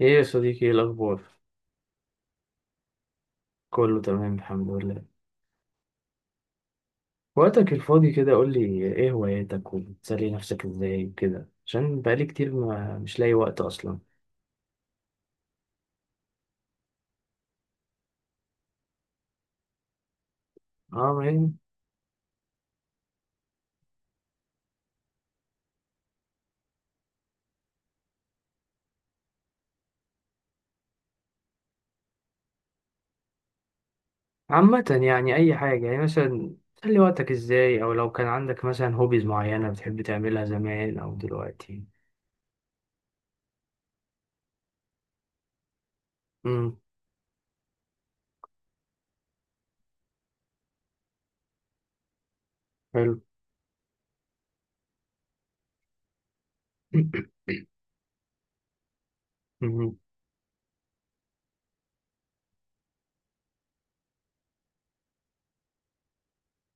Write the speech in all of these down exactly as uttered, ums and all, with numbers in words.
ايه يا صديقي، ايه الاخبار؟ كله تمام الحمد لله. وقتك الفاضي كده قول لي ايه هواياتك وبتسلي نفسك ازاي وكده، عشان بقالي كتير ما مش لاقي وقت اصلا. اه، ما هي- عامة يعني اي حاجة، يعني مثلا تسلي وقتك ازاي، او لو كان عندك مثلا هوبيز معينة بتحب تعملها زمان او دلوقتي. امم. حلو. مم.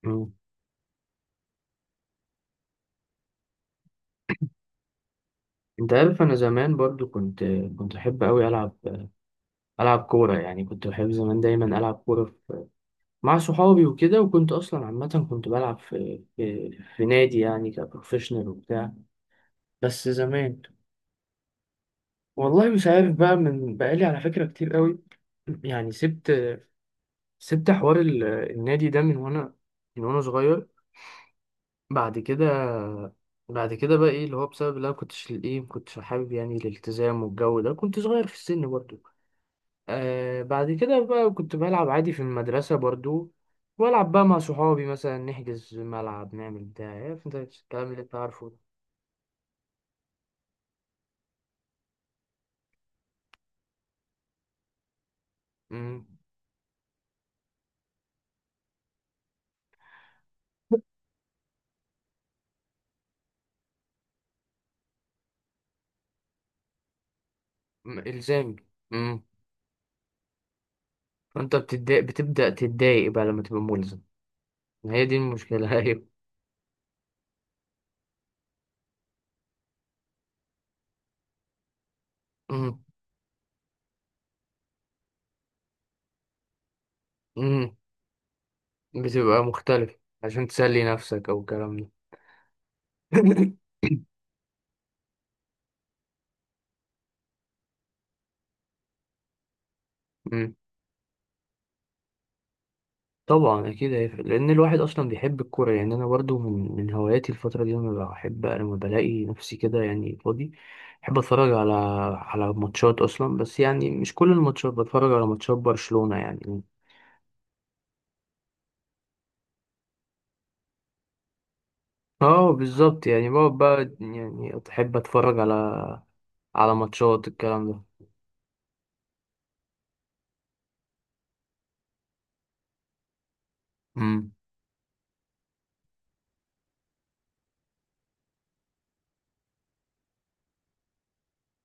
مم. انت عارف انا زمان برضو كنت كنت احب قوي العب العب كورة، يعني كنت بحب زمان دايما العب كورة مع صحابي وكده، وكنت اصلا عامه كنت بلعب في في, في نادي يعني كبروفيشنال وبتاع. بس زمان. والله مش عارف بقى، من بقالي على فكره كتير قوي، يعني سبت سبت حوار ال- النادي ده من وانا من وانا صغير. بعد كده بعد كده بقى ايه اللي هو بسبب اللي انا كنتش ايه ما كنتش حابب يعني الالتزام والجو ده، كنت صغير في السن برضه. آه بعد كده بقى كنت بلعب عادي في المدرسة برضو، والعب بقى مع صحابي مثلا نحجز ملعب نعمل بتاع، عارف انت الكلام اللي انت عارفه ده. مم. م- الزامي. مم. فانت بتتضايق، بتبدأ تتضايق بقى لما تبقى ملزم. هي دي المشكلة. ايوه. مم. مم. بتبقى مختلف عشان تسلي نفسك او الكلام ده. مم. طبعا اكيد هيفرق، لان الواحد اصلا بيحب الكوره، يعني انا برضو من من هواياتي الفتره دي، لما بحب لما بلاقي نفسي كده يعني فاضي، بحب اتفرج على على ماتشات اصلا، بس يعني مش كل الماتشات، بتفرج على ماتشات برشلونه يعني. اه بالظبط، يعني بقعد بقى يعني احب اتفرج على على ماتشات الكلام ده. امم.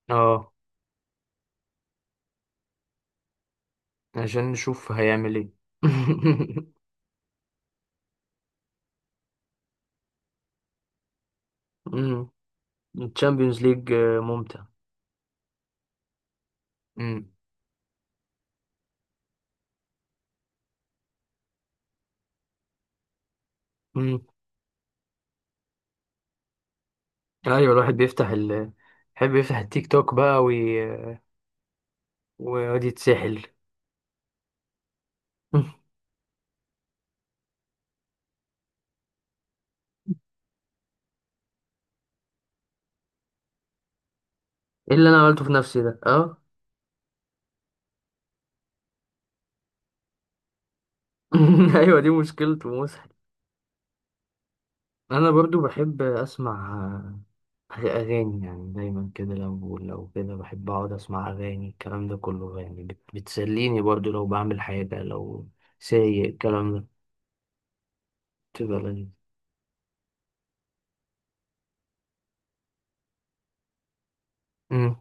اه عشان نشوف هيعمل ايه. امم. الشامبيونز ليج ممتع. امم. ايوه، الواحد بيفتح ال يحب يفتح التيك توك بقى وي... ويقعد يتسحل. ايه اللي انا عملته في نفسي ده. اه. ايوه، دي مشكلته مسحل. انا برضو بحب اسمع اغاني، يعني دايما كده، لو لو كده بحب اقعد اسمع اغاني الكلام ده كله يعني بت... بتسليني برضو لو بعمل حاجه لو سايق الكلام ده بتبقى لذيذ. أمم.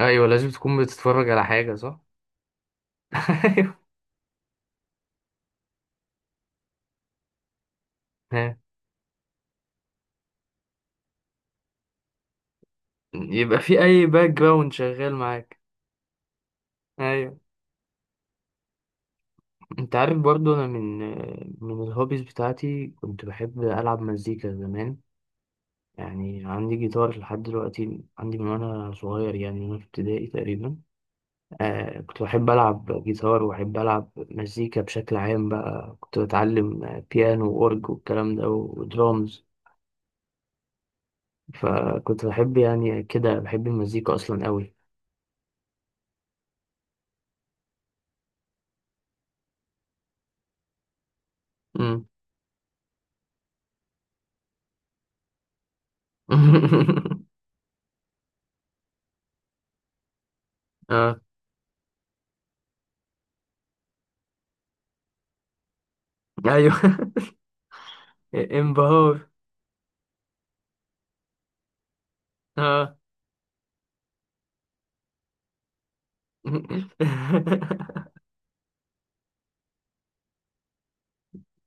ايوه لازم تكون بتتفرج على حاجه صح. ايوه. ها. يبقى في اي باك جراوند شغال معاك. ايوه. انت عارف برضو انا من من الهوبيز بتاعتي كنت بحب العب مزيكا زمان. يعني عندي جيتار لحد دلوقتي، عندي من وانا صغير، يعني من وانا في ابتدائي تقريبا. آه كنت بحب العب جيتار وبحب العب مزيكا بشكل عام، بقى كنت بتعلم بيانو واورج والكلام ده ودرامز. فكنت بحب يعني كده بحب المزيكا اصلا قوي. مم. اه. ايوه. انبهار. اه.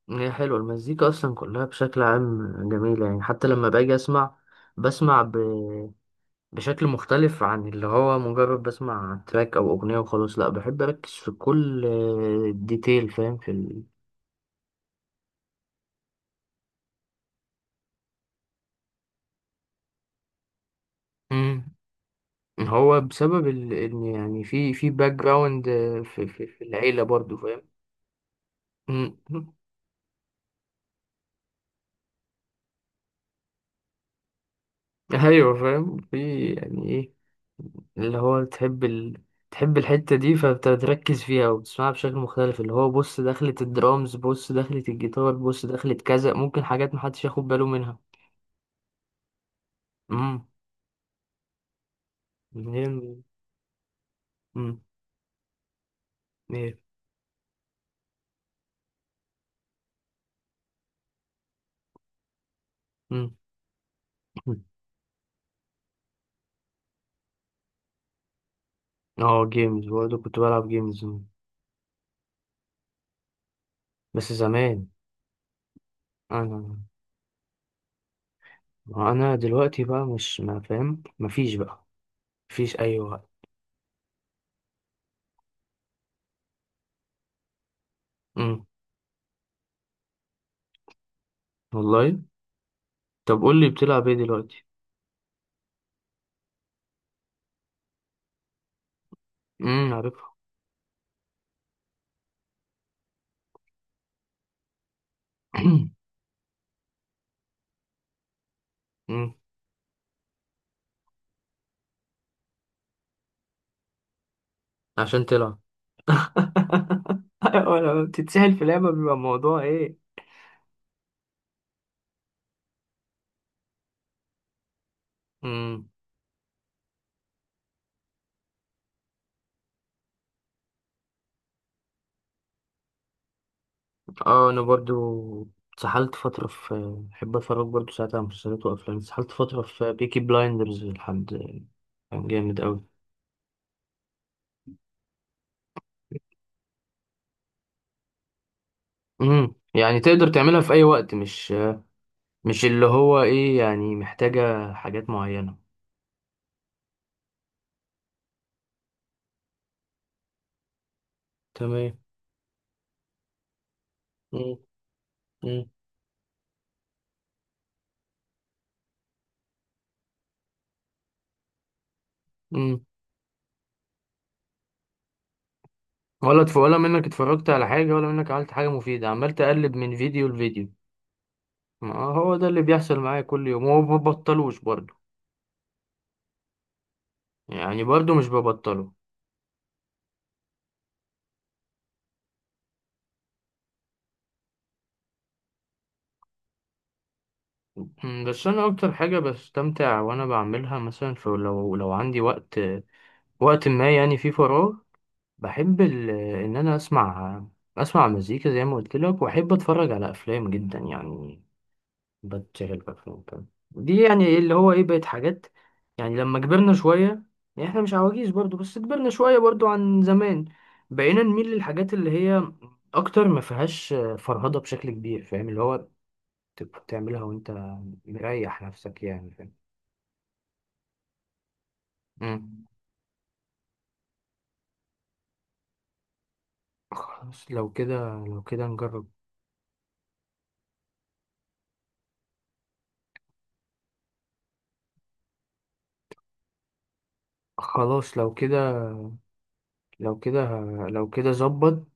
هي حلوة المزيكا أصلا كلها بشكل عام جميلة، يعني حتى لما باجي أسمع، بسمع ب... بشكل مختلف عن اللي هو مجرد بسمع تراك أو أغنية وخلاص، لأ بحب أركز في كل ديتيل، فاهم في ال... مم. إن هو بسبب ال... إن يعني في في باك جراوند في... في... في العيلة برضو فاهم. مم. أيوة فاهم، في يعني إيه اللي هو تحب ال... تحب الحتة دي فبتركز فيها وبتسمعها بشكل مختلف، اللي هو بص دخلة الدرامز، بص دخلة الجيتار، بص دخلة كذا، ممكن حاجات محدش ياخد باله منها. امم. منين. امم. ايه. امم. اه جيمز برضه كنت بلعب جيمز بس زمان. انا انا دلوقتي بقى مش ما فاهم مفيش بقى، مفيش اي وقت. امم. والله. طب قول لي بتلعب ايه دلوقتي. امم عارفها. امم. عشان تلعب. أيوة، لما بتتسهل في لعبة بيبقى الموضوع ايه. امم. اه انا برضو اتسحلت فترة في بحب اتفرج برضو ساعات على مسلسلات وافلام، اتسحلت فترة في بيكي بلايندرز لحد. كان جامد اوي. امم. يعني تقدر تعملها في اي وقت، مش مش اللي هو ايه، يعني محتاجة حاجات معينة. تمام. مم. مم. مم. ولا تف... ولا منك اتفرجت على حاجة، ولا منك عملت حاجة مفيدة، عمال تقلب من فيديو لفيديو. ما هو ده اللي بيحصل معايا كل يوم، وما ببطلوش برضه، يعني برضو مش ببطله. مم، بس انا اكتر حاجة بستمتع وانا بعملها مثلا في، لو لو عندي وقت وقت ما يعني في فراغ، بحب ال- ان انا اسمع اسمع مزيكا زي ما قلت لك، واحب اتفرج على افلام جدا يعني، بتشغل بافلام كده. دي يعني إيه اللي هو ايه، بقت حاجات يعني لما كبرنا شوية، يعني احنا مش عواجيز برضو بس كبرنا شوية برضو عن زمان، بقينا نميل للحاجات اللي هي اكتر ما فيهاش فرهضة بشكل كبير، فاهم اللي هو تبقى بتعملها وانت مريح نفسك يعني فاهم. مم. خلاص لو كده لو كده نجرب. خلاص لو كده. لو كده لو كده ظبط.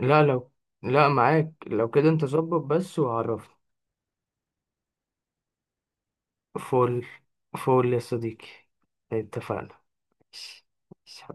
لا لو، لا معاك لو كده انت ظبط بس وعرفني. فول، فول يا صديقي. اتفقنا. ماشي. ماشي.